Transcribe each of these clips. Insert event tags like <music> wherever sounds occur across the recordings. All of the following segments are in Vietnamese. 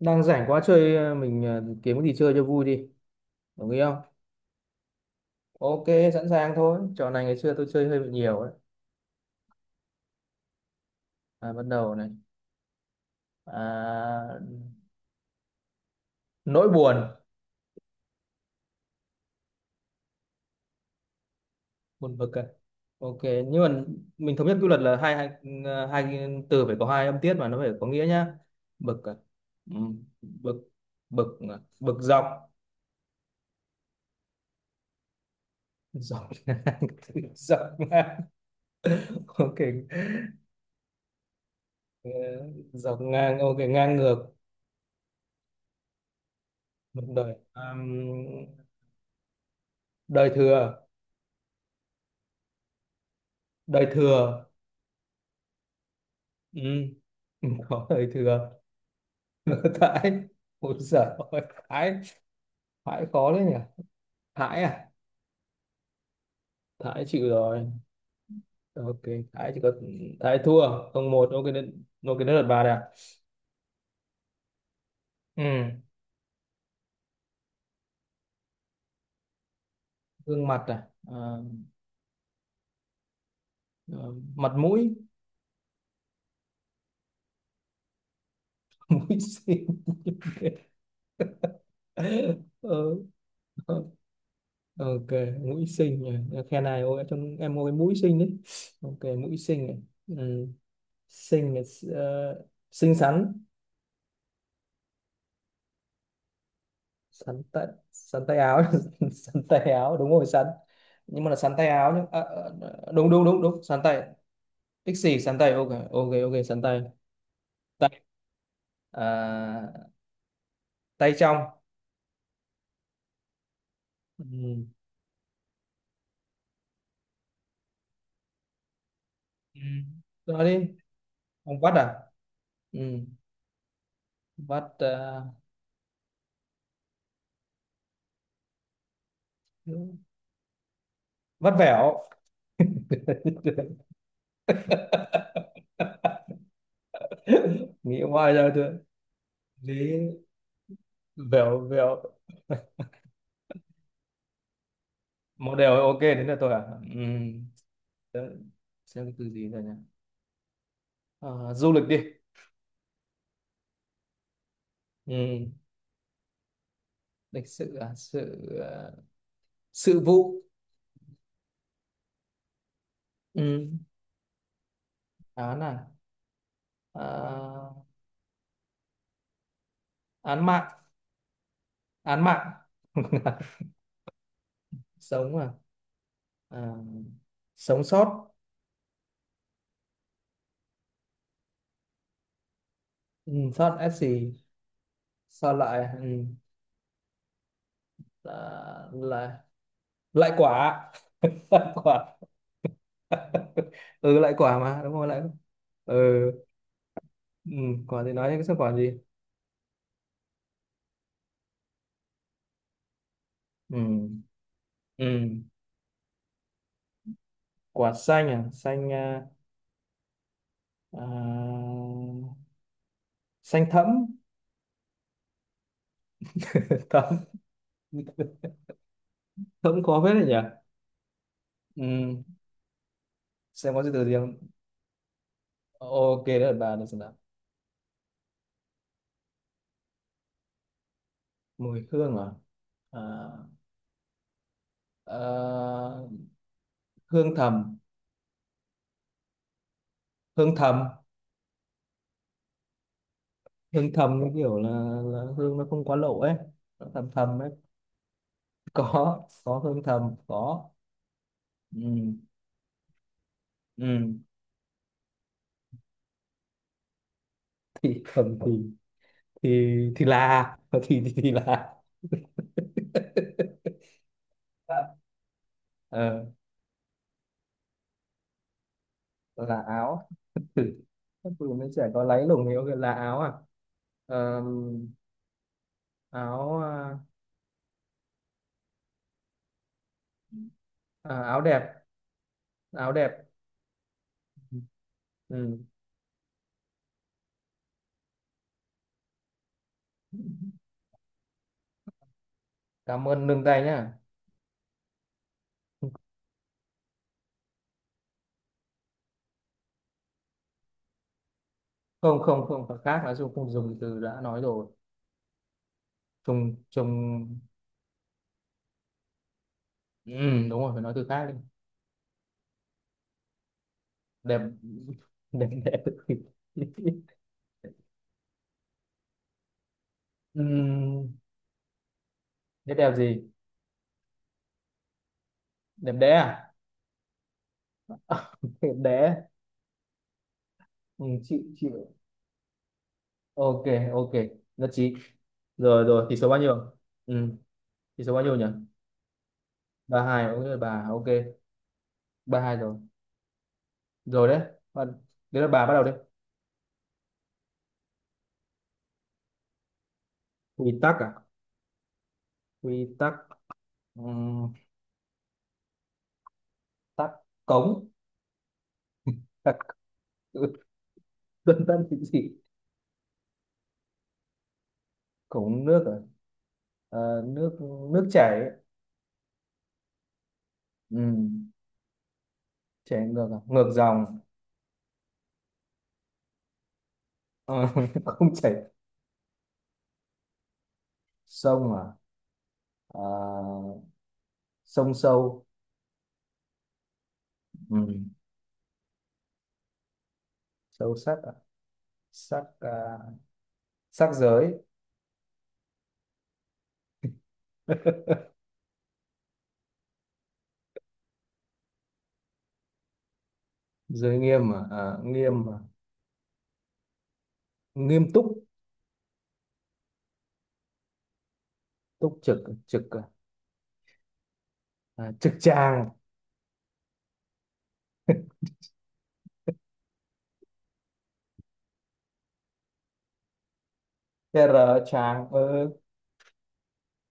Đang rảnh quá chơi, mình, kiếm cái gì chơi cho vui đi. Đồng ý không? Ok. Sẵn sàng thôi, trò này ngày xưa tôi chơi hơi bị nhiều đấy. À, bắt đầu này. À, nỗi buồn. Buồn bực à. Ok, nhưng mà mình thống nhất quy luật là hai hai, hai cái từ phải có hai âm tiết mà nó phải có nghĩa nhá. Bực à. Ừ, bực. Bực à. Bực dọc. Dọc. <laughs> Dọc ngang. Ok. Ờ, dọc ngang, ok, ngang ngược. Bực đời. Đời thừa. Đời thừa. Ừ, có đời thừa. <laughs> Thái. Ôi giời ơi, thái. Thái khó đấy nhỉ. Thái à. Thái chịu rồi. Ok, thái chỉ có. Thái thua không một. Ok, đến, ok, đến lượt bà đây à. Ừ. Gương mặt, à, à, ờ, mặt mũi. <laughs> Mũi xinh. Ờ, ờ, ok, mũi xinh nhỉ, khen này, ôi trong em có cái mũi xinh đấy. Ok, mũi xinh này. Ừ. Xinh này. Ờ, xinh xắn. Sắn tay. Sắn tay áo. <laughs> Sắn tay áo, đúng rồi, sắn. Nhưng mà là sắn tay áo nhá. À, à, đúng đúng đúng đúng, sắn tay. Pixie, sắn tay, ok ok ok, sắn tay. Tay, à, tay trong. Ừ. Ừ. Nói đi. Ông vắt à. Ừ. Vắt, à, vắt vẻo. <laughs> Nghĩ hoài ra chưa. Lý. Vẻo vẻo. Một đều, ok, đến là tôi à. Ừ. Xem. Xem cái từ gì rồi nhỉ. À, du lịch đi. Ừ. Lịch sự à, sự à, sự vụ. Ừ. Án à, à, án mạng. Án mạng. <laughs> Sống à, à, sống sót. Ừ, sót s gì. Sao lại, là lại quả. <laughs> Lại quả. <laughs> Ừ, lại quả mà đúng rồi, lại. Ừ. Ừ. Quả thì nói cái sao quả gì. Ừ, ừ. Quả xanh à, xanh à, à, xanh thẫm. <laughs> Thẫm. Thẫm khó phết đấy nhỉ. Ừ, xem có gì từ riêng. Ok đấy là bà được, xem nào. Mùi hương, à, à, à, hương thầm. Hương thầm. Hương thầm như kiểu là hương nó không quá lộ ấy. Nó thầm thầm ấy. Có. Có hương thầm có. Ừ, ừ. Thì thầm thì. Thì là thì là. <laughs> Ờ, là áo. Ừ. Các cụ mấy trẻ có láy lùng thì ok. Là áo à. Ờ, áo à, à, áo đẹp. Áo đẹp. Ừ. Cảm ơn nâng tay nhá. Không không không, phải khác, nói chung không dùng từ đã nói rồi. Trùng trùng. Ừ, đúng rồi, phải nói từ khác đi. Đẹp. Đẹp đẽ. <laughs> Ừ. Thế đẹp gì. Đẹp đẽ à. <laughs> Đẹp đẽ. Ừ, chịu chịu. Ok. Ok, nhất trí. Rồi rồi, tỷ số bao nhiêu. Ừ. Tỷ số bao nhiêu nhỉ. Ba hai, ok, bà ok. Ba hai rồi. Rồi đấy. Bạn-. Đấy là bà bắt đầu đi. Quy tắc à. Quy tắc. Ừ. Tắc. Cống. À, ừ, dân dân thì gì. Cống nước à? Ờ, nước. Nước chảy. Ừ, chảy ngược à? Ngược dòng. Ờ, <laughs> không chảy. Sông à. Ờ, sông sâu. Ừ, sâu sắc à? Sắc à, sắc giới. <laughs> Giới nghiêm à? Ờ, nghiêm à? Nghiêm túc. Túc trực. Trực à? À, trực tràng. TR. Tràng, ừ,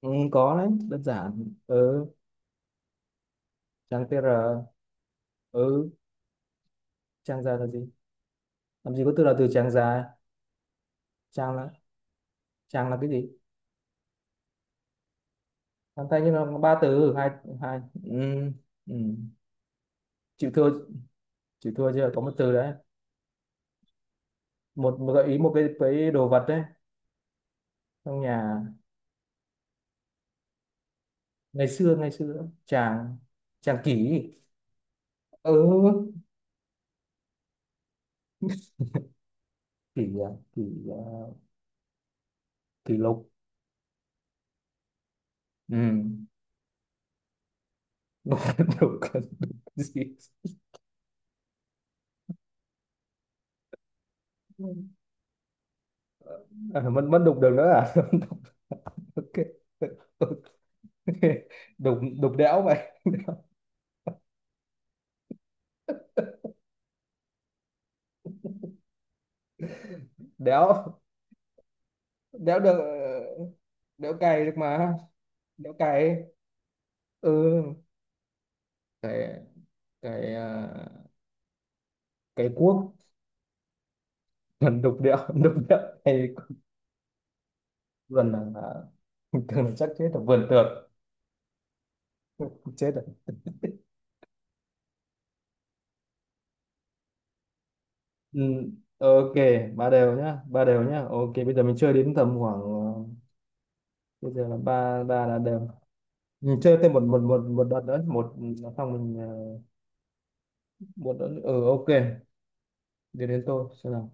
ừ, có đấy, đơn giản. Ừ, tràng TR. Ừ, tràng ra là gì. Làm gì có từ là từ tràng già. Tràng là. Tràng là cái gì. Tràng thanh nhưng mà có ba từ. Hai hai. Ừ, ừ. Chịu thua. Chịu thua, chưa có một từ đấy. Một, một gợi ý. Một cái đồ vật đấy, trong nhà. Ngày xưa, ngày xưa chàng. Chàng kỷ. Ừ. Kỷ à, kỷ à, kỷ lục. Ừ. <laughs> Đục. Đục cái gì. À, mất mất đục đường nữa à. <laughs> Ok. Ok. Đục, đục đẽo vậy. Đẽo. Đẽo được, ờ, đẽo cày được mà. Đĩa cày. Ừ. cái cái à, cái cuốc. Vườn đục địa. <laughs> Đục địa. Hay. Vườn là, <laughs> thường là chắc chết rồi, vườn tược. <laughs> Chết rồi. Ừ, ok. Ba đều nhá, ba đều nhá, ok. Bây giờ mình chơi đến tầm khoảng, ờ, bây giờ là ba ba là đều. Mình chơi thêm một một một một đợt nữa. Một, xong mình, một đợt nữa. Ừ, ok. Đến, đến tôi xem nào.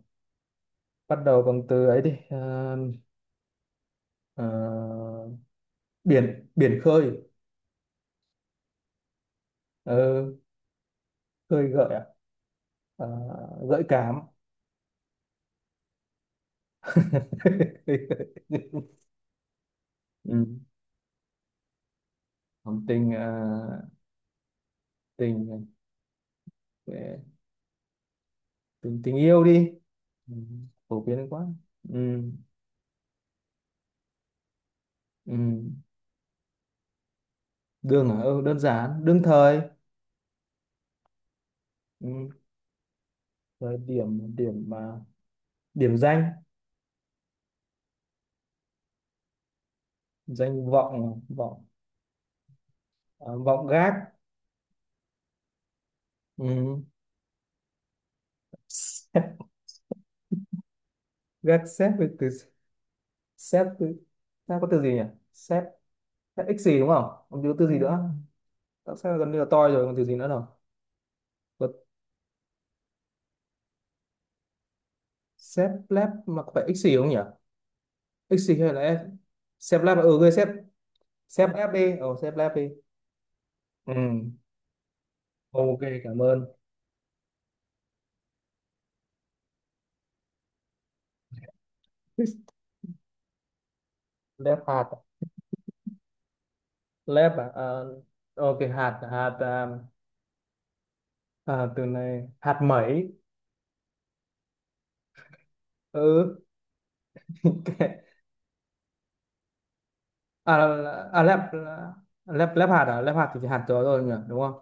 Bắt đầu bằng từ ấy đi. Ờ, ờ, biển. Biển khơi. Ờ, khơi gợi. Ờ, gợi cảm. <laughs> Ừ. Còn tình, ờ, tình, ờ, tình, tình yêu đi. Ừ, phổ biến quá. Ừ, ừ. Đường à? Ừ, đơn giản, đương thời. Ừ. Rồi điểm, điểm à, điểm danh. Danh vọng. Vọng, à, vọng gác. Ừ. Sếp. Gác xếp với từ. Xếp, từ ta có từ gì nhỉ. Xếp. Xếp ích gì, đúng không. Không có từ gì nữa. Tại sao gần như là toi rồi, còn từ gì nữa đâu. Sếp lab mà có phải xì không nhỉ. Xì hay là S. Sếp lab ừ, ghê sếp. Sếp lab đi, ừ sếp lab đi. Ừ, ok, cảm ơn. Lab hạt. Lab à. Ờ, ok, hạt hạt à, à, từ này hạt mẩy. Ừ, ok. À, à, lab. Lab, lab hạt à, lab hạt thì chỉ hạt đó rồi nhỉ, đúng không.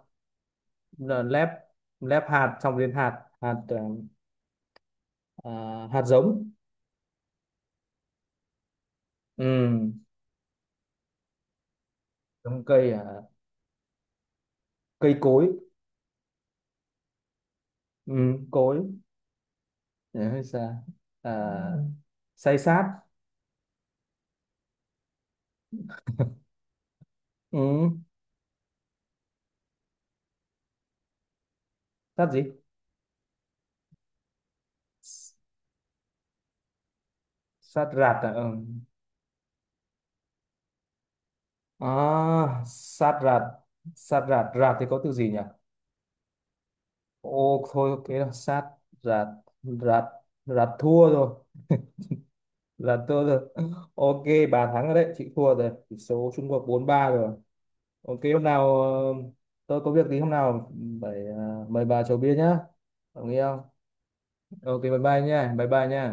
Là lab. Lab hạt xong đến hạt, hạt, ờ, à, hạt giống. Ừ. Giống cây à. Cây cối. Ừ, cối. Nhớ hay sao? À, Ừ. Say sát. Ừ, sát gì? Sát rạt à? Ừ. À, sát rạt. Sát rạt. Rạt thì có từ gì nhỉ? Ô, thôi, cái đó sát rạt. Rạt. Rạt thua rồi. Rạt thua rồi. <laughs> Ok, bà thắng rồi đấy. Chị thua rồi. Tỷ số Trung Quốc bốn ba rồi. Ok, hôm nào, tôi có việc thì hôm nào phải, mời bà chầu bia nhá. Đồng ý không? Ok, bye bye nha. Bye bye nha.